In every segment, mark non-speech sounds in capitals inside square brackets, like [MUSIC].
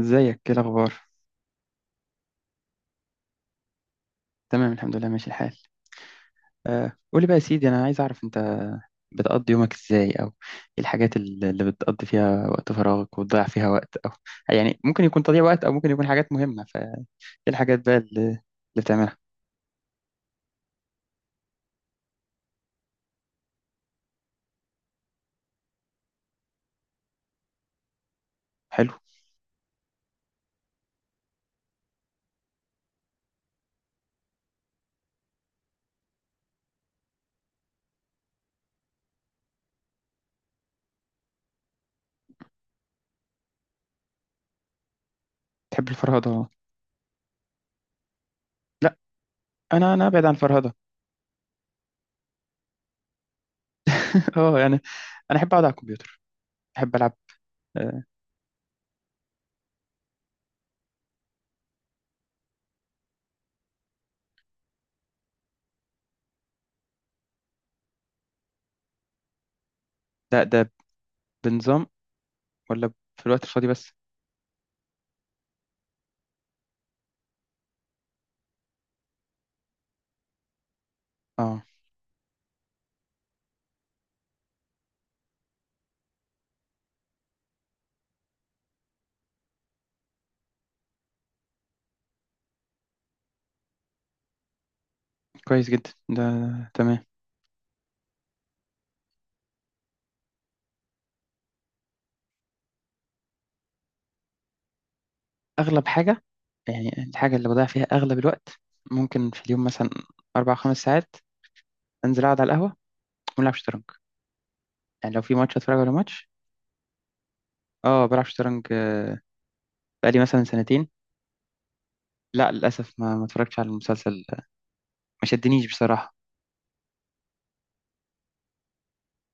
ازيك، ايه الاخبار؟ تمام، الحمد لله ماشي الحال. آه قولي بقى يا سيدي، انا عايز اعرف انت بتقضي يومك ازاي، او ايه الحاجات اللي بتقضي فيها وقت فراغك وتضيع فيها وقت، او يعني ممكن يكون تضييع وقت او ممكن يكون حاجات مهمة؟ فايه الحاجات بقى اللي بتعملها؟ حلو. تحب الفرهدة؟ لا، انا ابعد عن الفرهدة. [LAUGHS] اه يعني انا احب اقعد على الكمبيوتر، احب العب. آه. ده ده بنظام ولا في الوقت الفاضي بس؟ اه. كويس جدا ده، تمام. أغلب حاجة، يعني الحاجة اللي بضيع فيها أغلب الوقت، ممكن في اليوم مثلا أربع خمس ساعات أنزل أقعد على القهوة ونلعب شطرنج، يعني لو في ماتش أتفرج على ماتش. أه بلعب شطرنج بقالي مثلا سنتين. لا للأسف ما اتفرجتش على المسلسل، ما شدنيش بصراحة.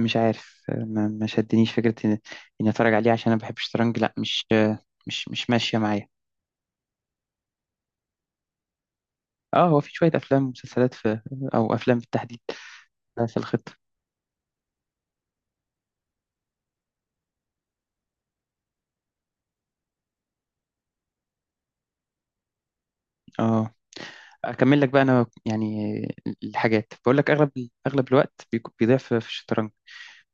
مش عارف ما شدنيش فكرة إني أتفرج عليه عشان أنا بحب الشطرنج، لا مش مش ماشية معايا. أه هو في شوية أفلام ومسلسلات في، أو أفلام بالتحديد في الخطة. أه اكمل لك بقى انا يعني الحاجات، بقول لك اغلب الوقت بيضيع في الشطرنج،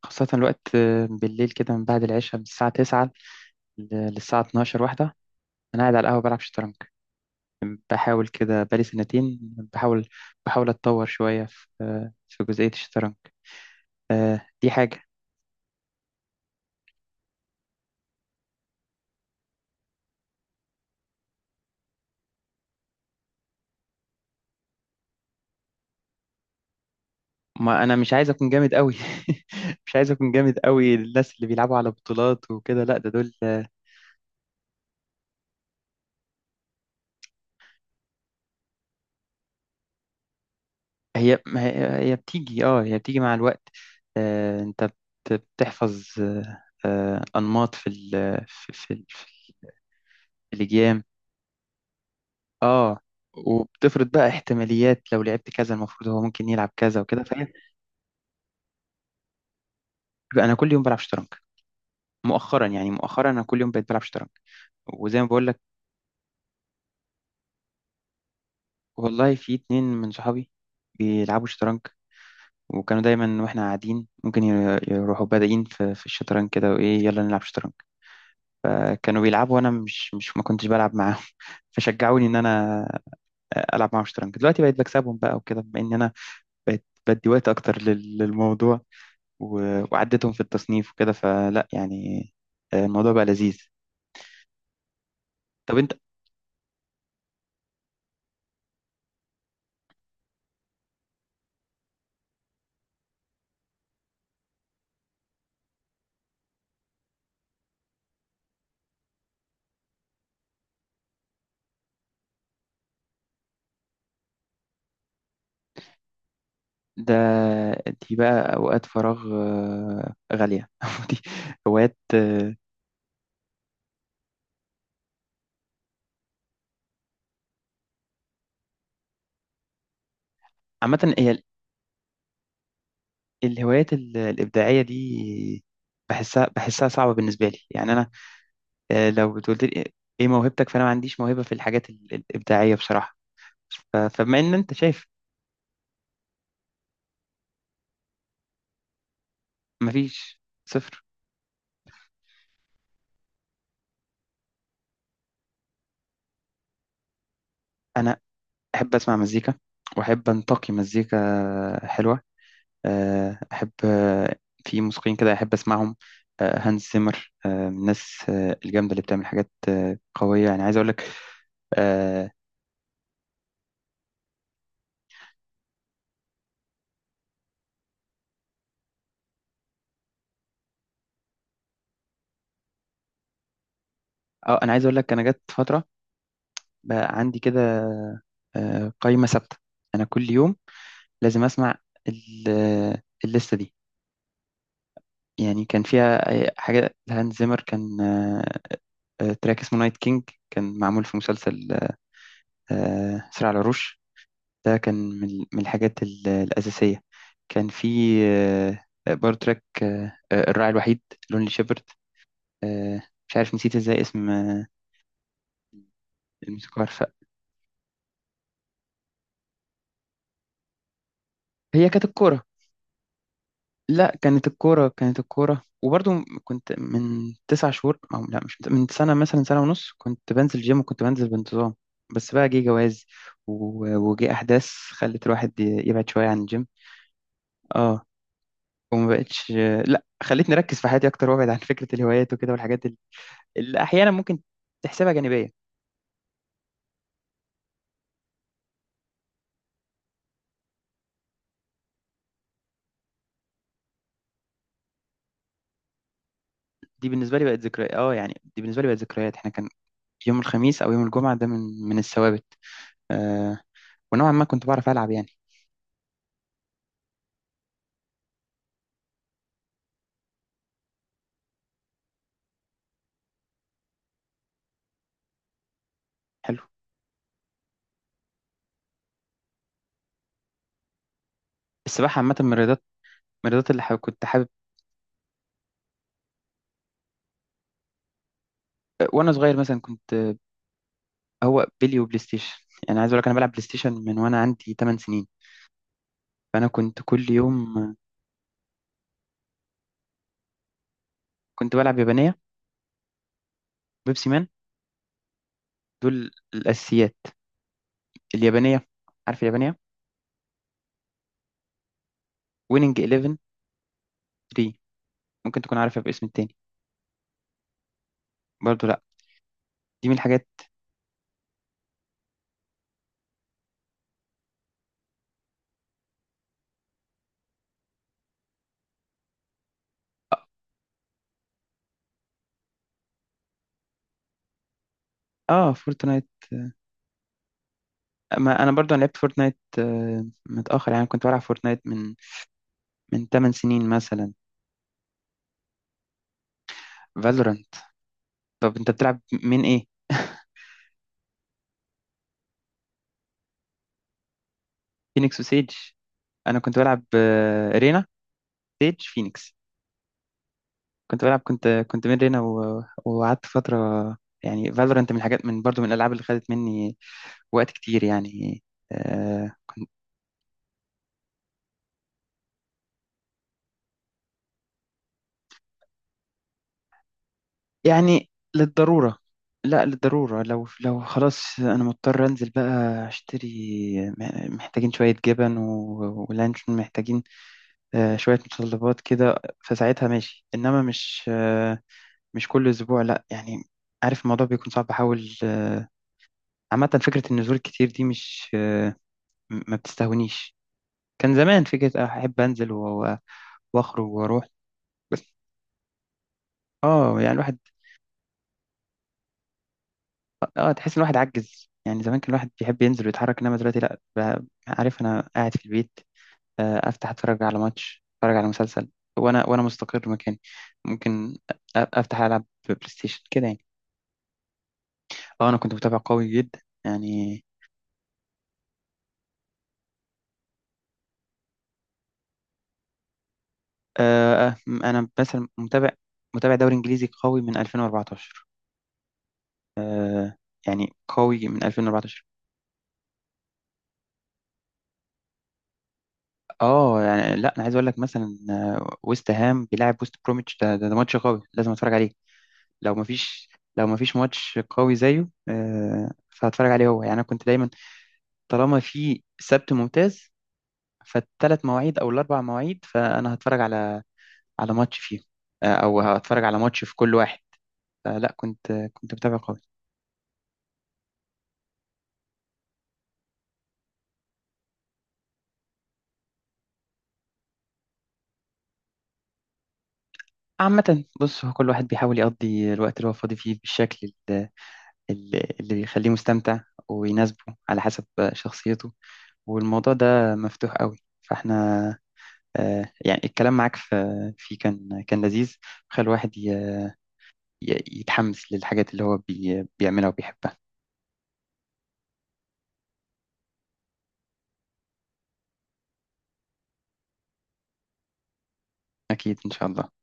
خاصة الوقت بالليل كده من بعد العشاء، من الساعة 9 للساعة 12 واحدة أنا قاعد على القهوة بلعب شطرنج. بحاول كده بقالي سنتين، بحاول بحاول أتطور شوية في في جزئية الشطرنج، دي حاجة. ما أنا مش عايز أكون جامد قوي. [LAUGHS] مش عايز أكون جامد قوي للناس اللي بيلعبوا على بطولات وكده، لا ده دول. هي ما هي هي بتيجي، اه هي بتيجي مع الوقت. آه انت بتحفظ انماط في في في, ال- في الاجيام. اه وبتفرض بقى احتماليات لو لعبت كذا المفروض هو ممكن يلعب كذا وكده فهي. بقى انا كل يوم بلعب شطرنج، مؤخرا يعني، مؤخرا انا كل يوم بقيت بلعب شطرنج، وزي ما بقول لك. والله في اتنين من صحابي بيلعبوا شطرنج، وكانوا دايما واحنا قاعدين ممكن يروحوا بادئين في الشطرنج كده وايه يلا نلعب شطرنج. كانوا بيلعبوا وانا مش مش ما كنتش بلعب معاهم، [LAUGHS] فشجعوني ان انا العب معاهم شطرنج. دلوقتي بقيت بكسبهم بقى وكده، بما ان انا بقيت بدي وقت اكتر للموضوع، وعدتهم في التصنيف وكده، فلا يعني الموضوع بقى لذيذ. طب انت؟ ده دي بقى اوقات فراغ غالية، [LAUGHS] دي هوايات عامة. هي الهوايات الإبداعية دي بحسها صعبة بالنسبة لي، يعني أنا لو تقول لي إيه موهبتك، فانا ما عنديش موهبه في الحاجات الابداعيه بصراحه. فبما ان انت شايف، مفيش صفر. انا احب اسمع مزيكا، واحب انتقي مزيكا حلوه، آه، احب آه، في موسيقيين كده احب اسمعهم، هانز زيمر من الناس الجامده اللي بتعمل حاجات قويه، يعني عايز اقول لك. اه انا عايز اقول لك انا جت فتره بقى عندي كده قائمه ثابته، انا كل يوم لازم اسمع الليسته دي. يعني كان فيها حاجة لهانز زيمر، كان تراك اسمه نايت كينج، كان معمول في مسلسل صراع العروش، ده كان من الحاجات الأساسية. كان في آه، برضه تراك الراعي الوحيد، لونلي شيبرد، آه، مش عارف نسيت ازاي اسم الموسيقار. فهي كانت الكورة، لا كانت الكورة، كانت الكورة وبرضو كنت من تسع شهور، أو لا مش من سنة، مثلا سنة ونص كنت بنزل جيم وكنت بنزل بانتظام، بس بقى جه جواز وجه أحداث خلت الواحد يبعد شوية عن الجيم. اه وما بقتش. لا خلتني أركز في حياتي أكتر وأبعد عن فكرة الهوايات وكده والحاجات اللي أحيانا ممكن تحسبها جانبية. دي بالنسبة لي بقت ذكريات، اه يعني دي بالنسبة لي بقت ذكريات، احنا كان يوم الخميس أو يوم الجمعة ده من الثوابت، آه، ونوعا ما كنت بعرف ألعب يعني. حلو. السباحة عامة من الرياضات، الرياضات اللي كنت حابب. وانا صغير مثلا كنت، هو بيلي وبلاي ستيشن، يعني عايز اقول لك انا بلعب بلاي ستيشن من وانا عندي 8 سنين، فانا كنت كل يوم. كنت بلعب يابانيه، بيبسي مان، دول الاساسيات. اليابانيه، عارف اليابانيه؟ ويننج 11 3، ممكن تكون عارفها باسم التاني. برضو لا، دي من الحاجات. اه فورتنايت. ما انا برضو أنا لعبت فورتنايت متاخر، يعني كنت بلعب فورتنايت من 8 سنين مثلا. فالورانت. طب انت بتلعب من ايه؟ فينيكس وسيج، انا كنت بلعب بيج فينيكس، كنت بلعب كنت كنت من رينا، وقعدت فترة، يعني فالورنت من الحاجات، من برضو من الألعاب اللي خدت مني وقت كتير يعني. آه يعني للضرورة، لا للضرورة، لو خلاص أنا مضطر أنزل بقى أشتري، محتاجين شوية جبن ولانشون، محتاجين شوية متطلبات كده، فساعتها ماشي، إنما مش مش كل أسبوع لا يعني. عارف الموضوع بيكون صعب، بحاول عامة فكرة النزول الكتير دي مش ما بتستهونيش. كان زمان فكرة أحب أنزل وأخرج وأروح، بس آه يعني الواحد تحس إن الواحد عجز، يعني زمان كان الواحد بيحب ينزل ويتحرك، إنما دلوقتي لأ، عارف أنا قاعد في البيت أفتح أتفرج على ماتش، أتفرج على مسلسل وأنا مستقر مكاني، ممكن أفتح ألعب بلاي ستيشن كده يعني. آه أنا كنت متابع قوي جدا يعني. أنا مثلا متابع دوري إنجليزي قوي من 2014، يعني قوي من 2014. اه يعني لا انا عايز اقول لك مثلا ويست هام بيلعب ويست بروميتش، ده ماتش قوي لازم اتفرج عليه. لو ما فيش لو ما فيش ماتش قوي زيه فهتفرج عليه هو، يعني انا كنت دايما طالما في سبت ممتاز فالثلاث مواعيد او الاربع مواعيد فانا هتفرج على ماتش فيهم او هتفرج على ماتش في كل واحد، فلا كنت متابع قوي. عامة بص، هو كل واحد بيحاول يقضي الوقت اللي هو فاضي فيه بالشكل اللي يخليه مستمتع ويناسبه على حسب شخصيته، والموضوع ده مفتوح قوي. فاحنا يعني الكلام معاك في فيه كان لذيذ، خلى الواحد يتحمس للحاجات اللي هو بيعملها وبيحبها. أكيد إن شاء الله.